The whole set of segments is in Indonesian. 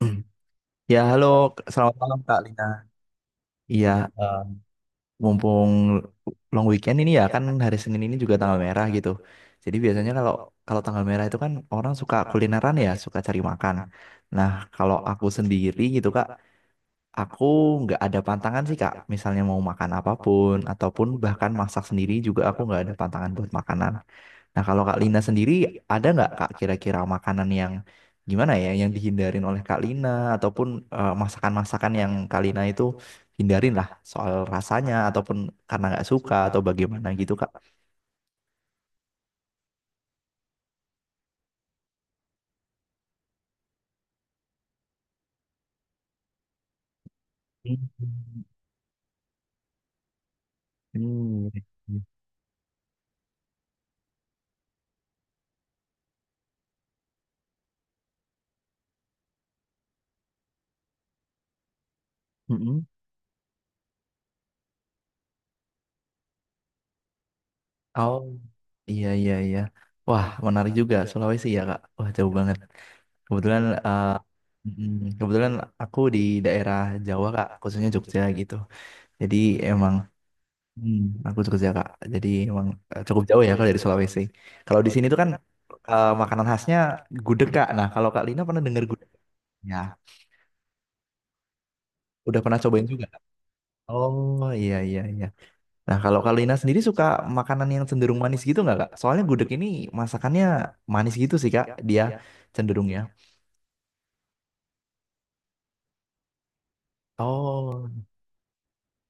Ya, halo, selamat malam Kak Lina. Iya, eh, mumpung long weekend ini ya kan hari Senin ini juga tanggal merah gitu. Jadi biasanya kalau kalau tanggal merah itu kan orang suka kulineran ya, suka cari makan. Nah, kalau aku sendiri gitu Kak, aku nggak ada pantangan sih Kak. Misalnya mau makan apapun ataupun bahkan masak sendiri juga aku nggak ada pantangan buat makanan. Nah, kalau Kak Lina sendiri ada nggak Kak kira-kira makanan yang gimana ya yang dihindarin oleh Kak Lina ataupun masakan-masakan yang Kak Lina itu hindarin lah soal rasanya ataupun karena nggak suka atau bagaimana gitu Kak? Hmm. Hmm. Mm-mm. Oh, iya iya iya. Wah, menarik juga Sulawesi ya Kak. Wah, jauh banget. Kebetulan kebetulan aku di daerah Jawa Kak, khususnya Jogja gitu. Jadi emang. Hmm, aku Jogja kak, jadi emang cukup jauh ya kalau dari Sulawesi. Kalau di sini tuh kan makanan khasnya gudeg kak. Nah kalau kak Lina pernah dengar gudeg? Ya, udah pernah cobain juga. Kak? Oh iya iya iya. Nah kalau kak Lina sendiri suka makanan yang cenderung manis gitu nggak kak? Soalnya gudeg ini masakannya manis gitu sih kak, dia cenderungnya. Oh,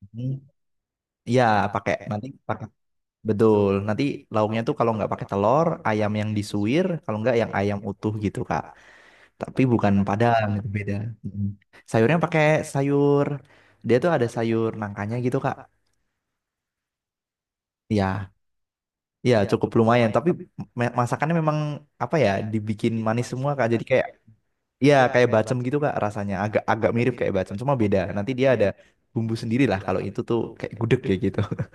hmm. Iya pakai nanti pakai betul. Nanti lauknya tuh kalau nggak pakai telur, ayam yang disuir, kalau nggak yang ayam utuh gitu kak. Tapi bukan Padang itu beda. Mm. Sayurnya pakai sayur, dia tuh ada sayur nangkanya gitu Kak. Ya, ya cukup lumayan. Tapi masakannya memang apa ya dibikin manis semua Kak. Jadi kayak ya kayak bacem gitu Kak rasanya. Agak agak mirip kayak bacem cuma beda. Nanti dia ada bumbu sendiri lah kalau itu tuh kayak gudeg kayak gitu.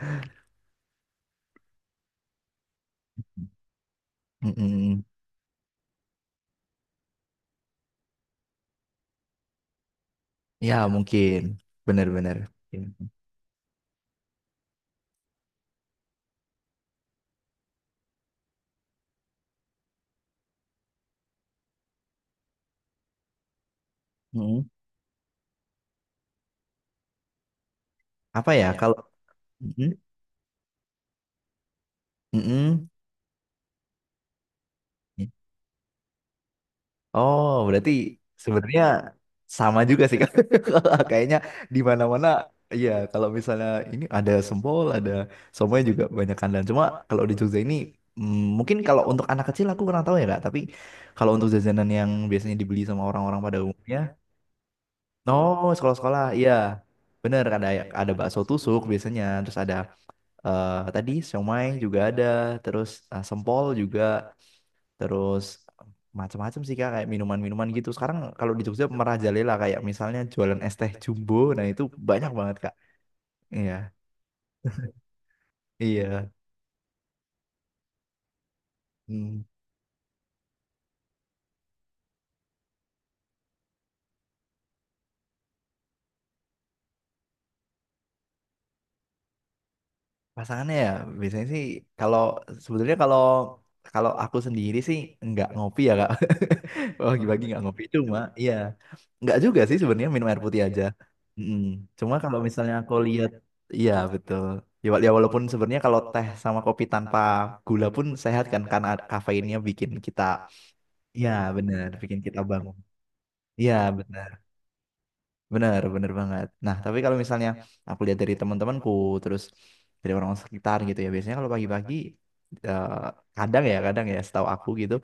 Mm-mm. Ya mungkin bener-bener. mm Apa ya kalau. Mm-mm. Mm-mm. Oh, berarti sebenarnya sama juga sih Kak. Kayaknya di mana-mana iya kalau misalnya ini ada sempol, ada semuanya juga banyak kandang. Cuma kalau di Jogja ini mungkin kalau untuk anak kecil aku kurang tahu ya Kak, tapi kalau untuk jajanan yang biasanya dibeli sama orang-orang pada umumnya, oh sekolah-sekolah, iya. Bener ada ya, ada bakso tusuk biasanya, terus ada tadi siomay juga ada, terus sempol juga. Terus macam-macam sih Kak, kayak minuman-minuman gitu. Sekarang kalau di Jogja merajalela kayak misalnya jualan es teh jumbo, nah itu banyak banget Kak. Iya, iya. Hmm. Pasangannya ya biasanya sih kalau sebenarnya kalau kalau aku sendiri sih nggak ngopi ya kak. Oh, pagi-pagi nggak ngopi. Ngopi cuma iya nggak juga sih sebenarnya minum air putih aja. Mm-mm. Cuma kalau misalnya aku lihat iya betul. Ya, ya walaupun sebenarnya kalau teh sama kopi tanpa gula pun sehat kan karena ada kafeinnya bikin kita iya benar bikin kita bangun. Iya benar. Bener, bener banget. Nah, tapi kalau misalnya aku lihat dari teman-temanku, terus dari orang sekitar gitu ya, biasanya kalau pagi-pagi, eh, kadang ya, setahu aku gitu,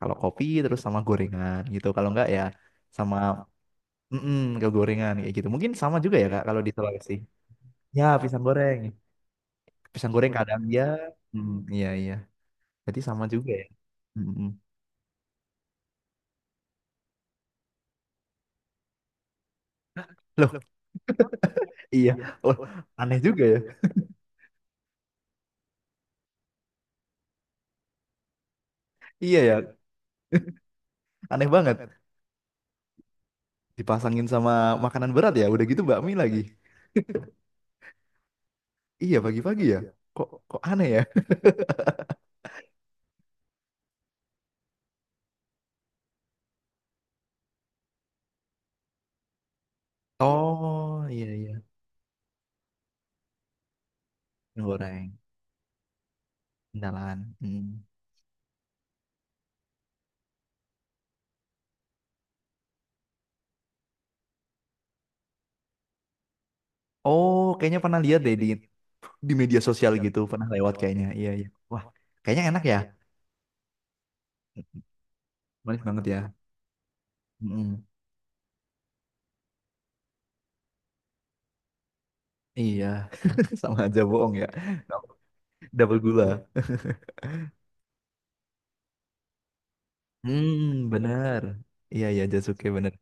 kalau kopi terus sama gorengan gitu, kalau enggak ya sama ke gorengan kayak gitu. Mungkin sama juga ya Kak, kalau di Sulawesi. Ya, pisang goreng. Pisang goreng kadang ya. Mm, iya, iya. Jadi sama juga ya. Mm-mm. Loh, iya. Loh, aneh juga ya. Iya ya, aneh banget. Dipasangin sama makanan berat ya, udah gitu bakmi lagi. Iya pagi-pagi ya. Kok kok aneh ya? Oh iya iya mie goreng indalan. Hmm. Oh kayaknya pernah lihat deh di media sosial gitu pernah lewat kayaknya. Iya iya. Wah kayaknya enak ya. Manis banget ya. Mm-mm. Iya, sama aja bohong ya. Double gula. Hmm bener. Iya iya Jasuke bener.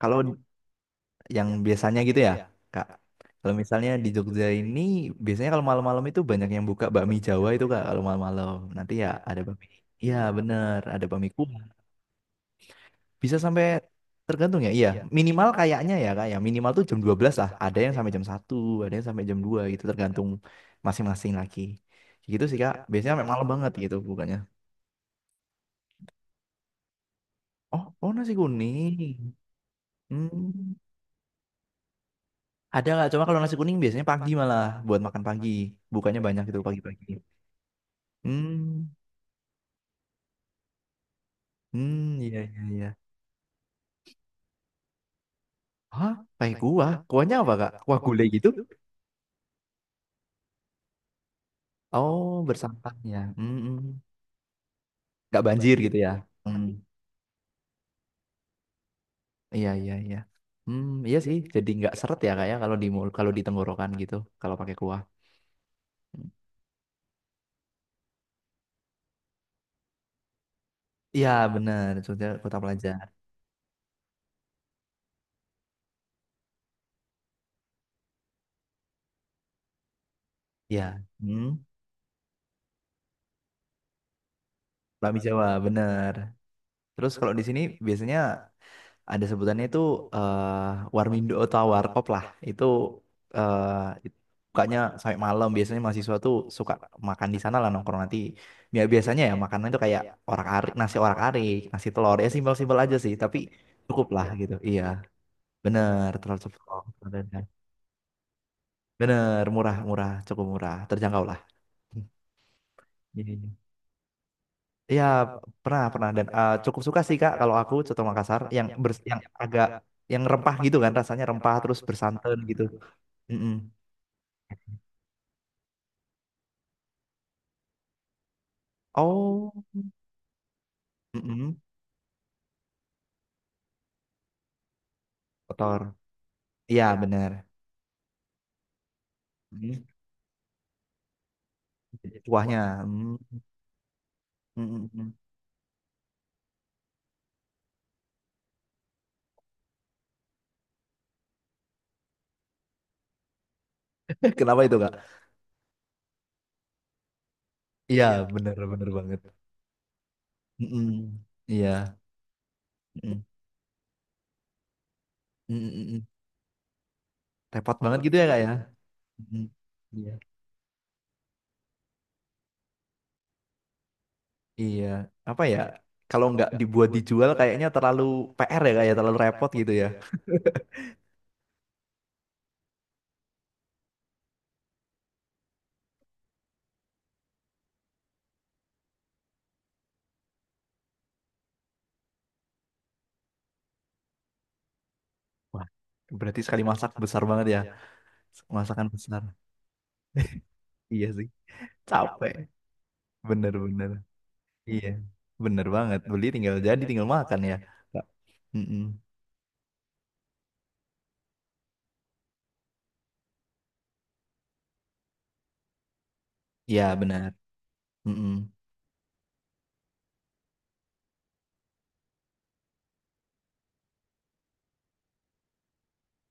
Kalau yang biasanya gitu ya, Kak. Kalau misalnya di Jogja ini biasanya kalau malam-malam itu banyak yang buka bakmi Jawa itu Kak kalau malam-malam. Nanti ya ada bakmi. Iya bener, ada bakmi kuah. Bisa sampai tergantung ya. Iya, minimal kayaknya ya Kak ya. Minimal tuh jam 12 lah. Ada yang sampai jam satu, ada yang sampai jam 2 gitu tergantung masing-masing lagi. Gitu sih Kak. Biasanya sampai malam banget gitu bukannya. Oh, oh nasi kuning. Hmm. Ada nggak? Cuma kalau nasi kuning biasanya pagi malah buat makan pagi. Bukannya banyak itu pagi-pagi. Hmm, hmm, iya iya iya. Hah, pakai kuah? Kuahnya apa kak? Kuah gulai gitu? Oh, bersantan ya. Hmm, hmm. Nggak banjir gitu ya? Hmm, iya iya iya. Hmm, iya sih. Jadi nggak seret ya kak ya kalau di tenggorokan gitu kalau pakai kuah. Hmm. Iya benar. Sudah kota pelajar. Iya. Hmm, bakmi Jawa benar. Terus kalau di sini biasanya ada sebutannya itu Warmindo atau Warkop lah. Itu eh, it- bukanya sampai malam biasanya mahasiswa tuh suka makan di sana lah nongkrong nanti. Ya biasanya ya makanan itu kayak orak-arik, nasi telur ya simpel-simpel aja sih, tapi cukup lah gitu. Iya, bener terlalu cepet. Bener, murah-murah, cukup murah, terjangkau lah. Iya, iya. Iya, pernah pernah dan cukup suka sih Kak kalau aku coto Makassar yang agak yang rempah gitu kan rasanya rempah terus bersantan gitu. Mm-mm. Oh, mm-mm. Kotor. Iya, benar. Mm. Jadi kuahnya. Mm. Mm-mm. Kenapa itu, Kak? Iya, benar, benar banget. Mm-mm. Iya. Mm-mm. Mm-mm. Repot banget gitu ya, Kak ya? Mm-mm. Iya. Iya. Apa ya? Kalau nggak dibuat dijual kayaknya terlalu PR ya, Kak ya? Terlalu repot gitu ya. Wah, berarti sekali masak besar banget ya. Masakan besar. Iya sih. Capek. Bener-bener. Iya, bener banget. Beli tinggal jadi, tinggal makan ya. Kak. Mm-mm. Iya, benar. Mm-mm.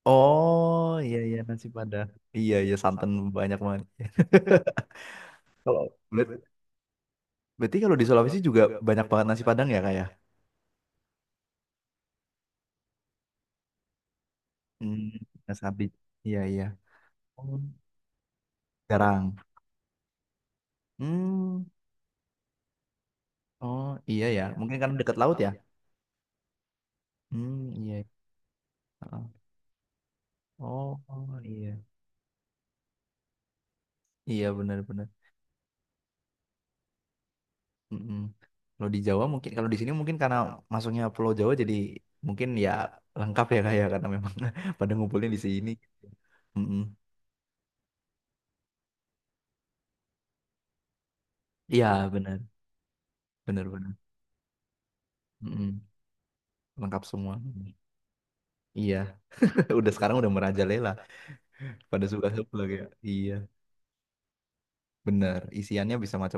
Oh, iya iya nasi padang. Iya iya santan banyak banget. Berarti kalau di Sulawesi juga banyak banget nasi padang ya kayak? Hmm, nasi habis. Iya iya. Oh, jarang. Hmm. Oh, iya ya. Mungkin karena dekat laut ya. Hmm, iya. Heeh. Oh, oh, iya. Iya benar-benar. Mm-mm. Kalau di Jawa mungkin kalau di sini mungkin karena masuknya Pulau Jawa jadi mungkin ya lengkap ya kayak karena memang pada ngumpulin di sini. Mm-mm. Iya benar benar benar. Mm-mm. Lengkap semua. Iya udah sekarang udah merajalela pada suka-suka ya. Iya benar isiannya bisa macam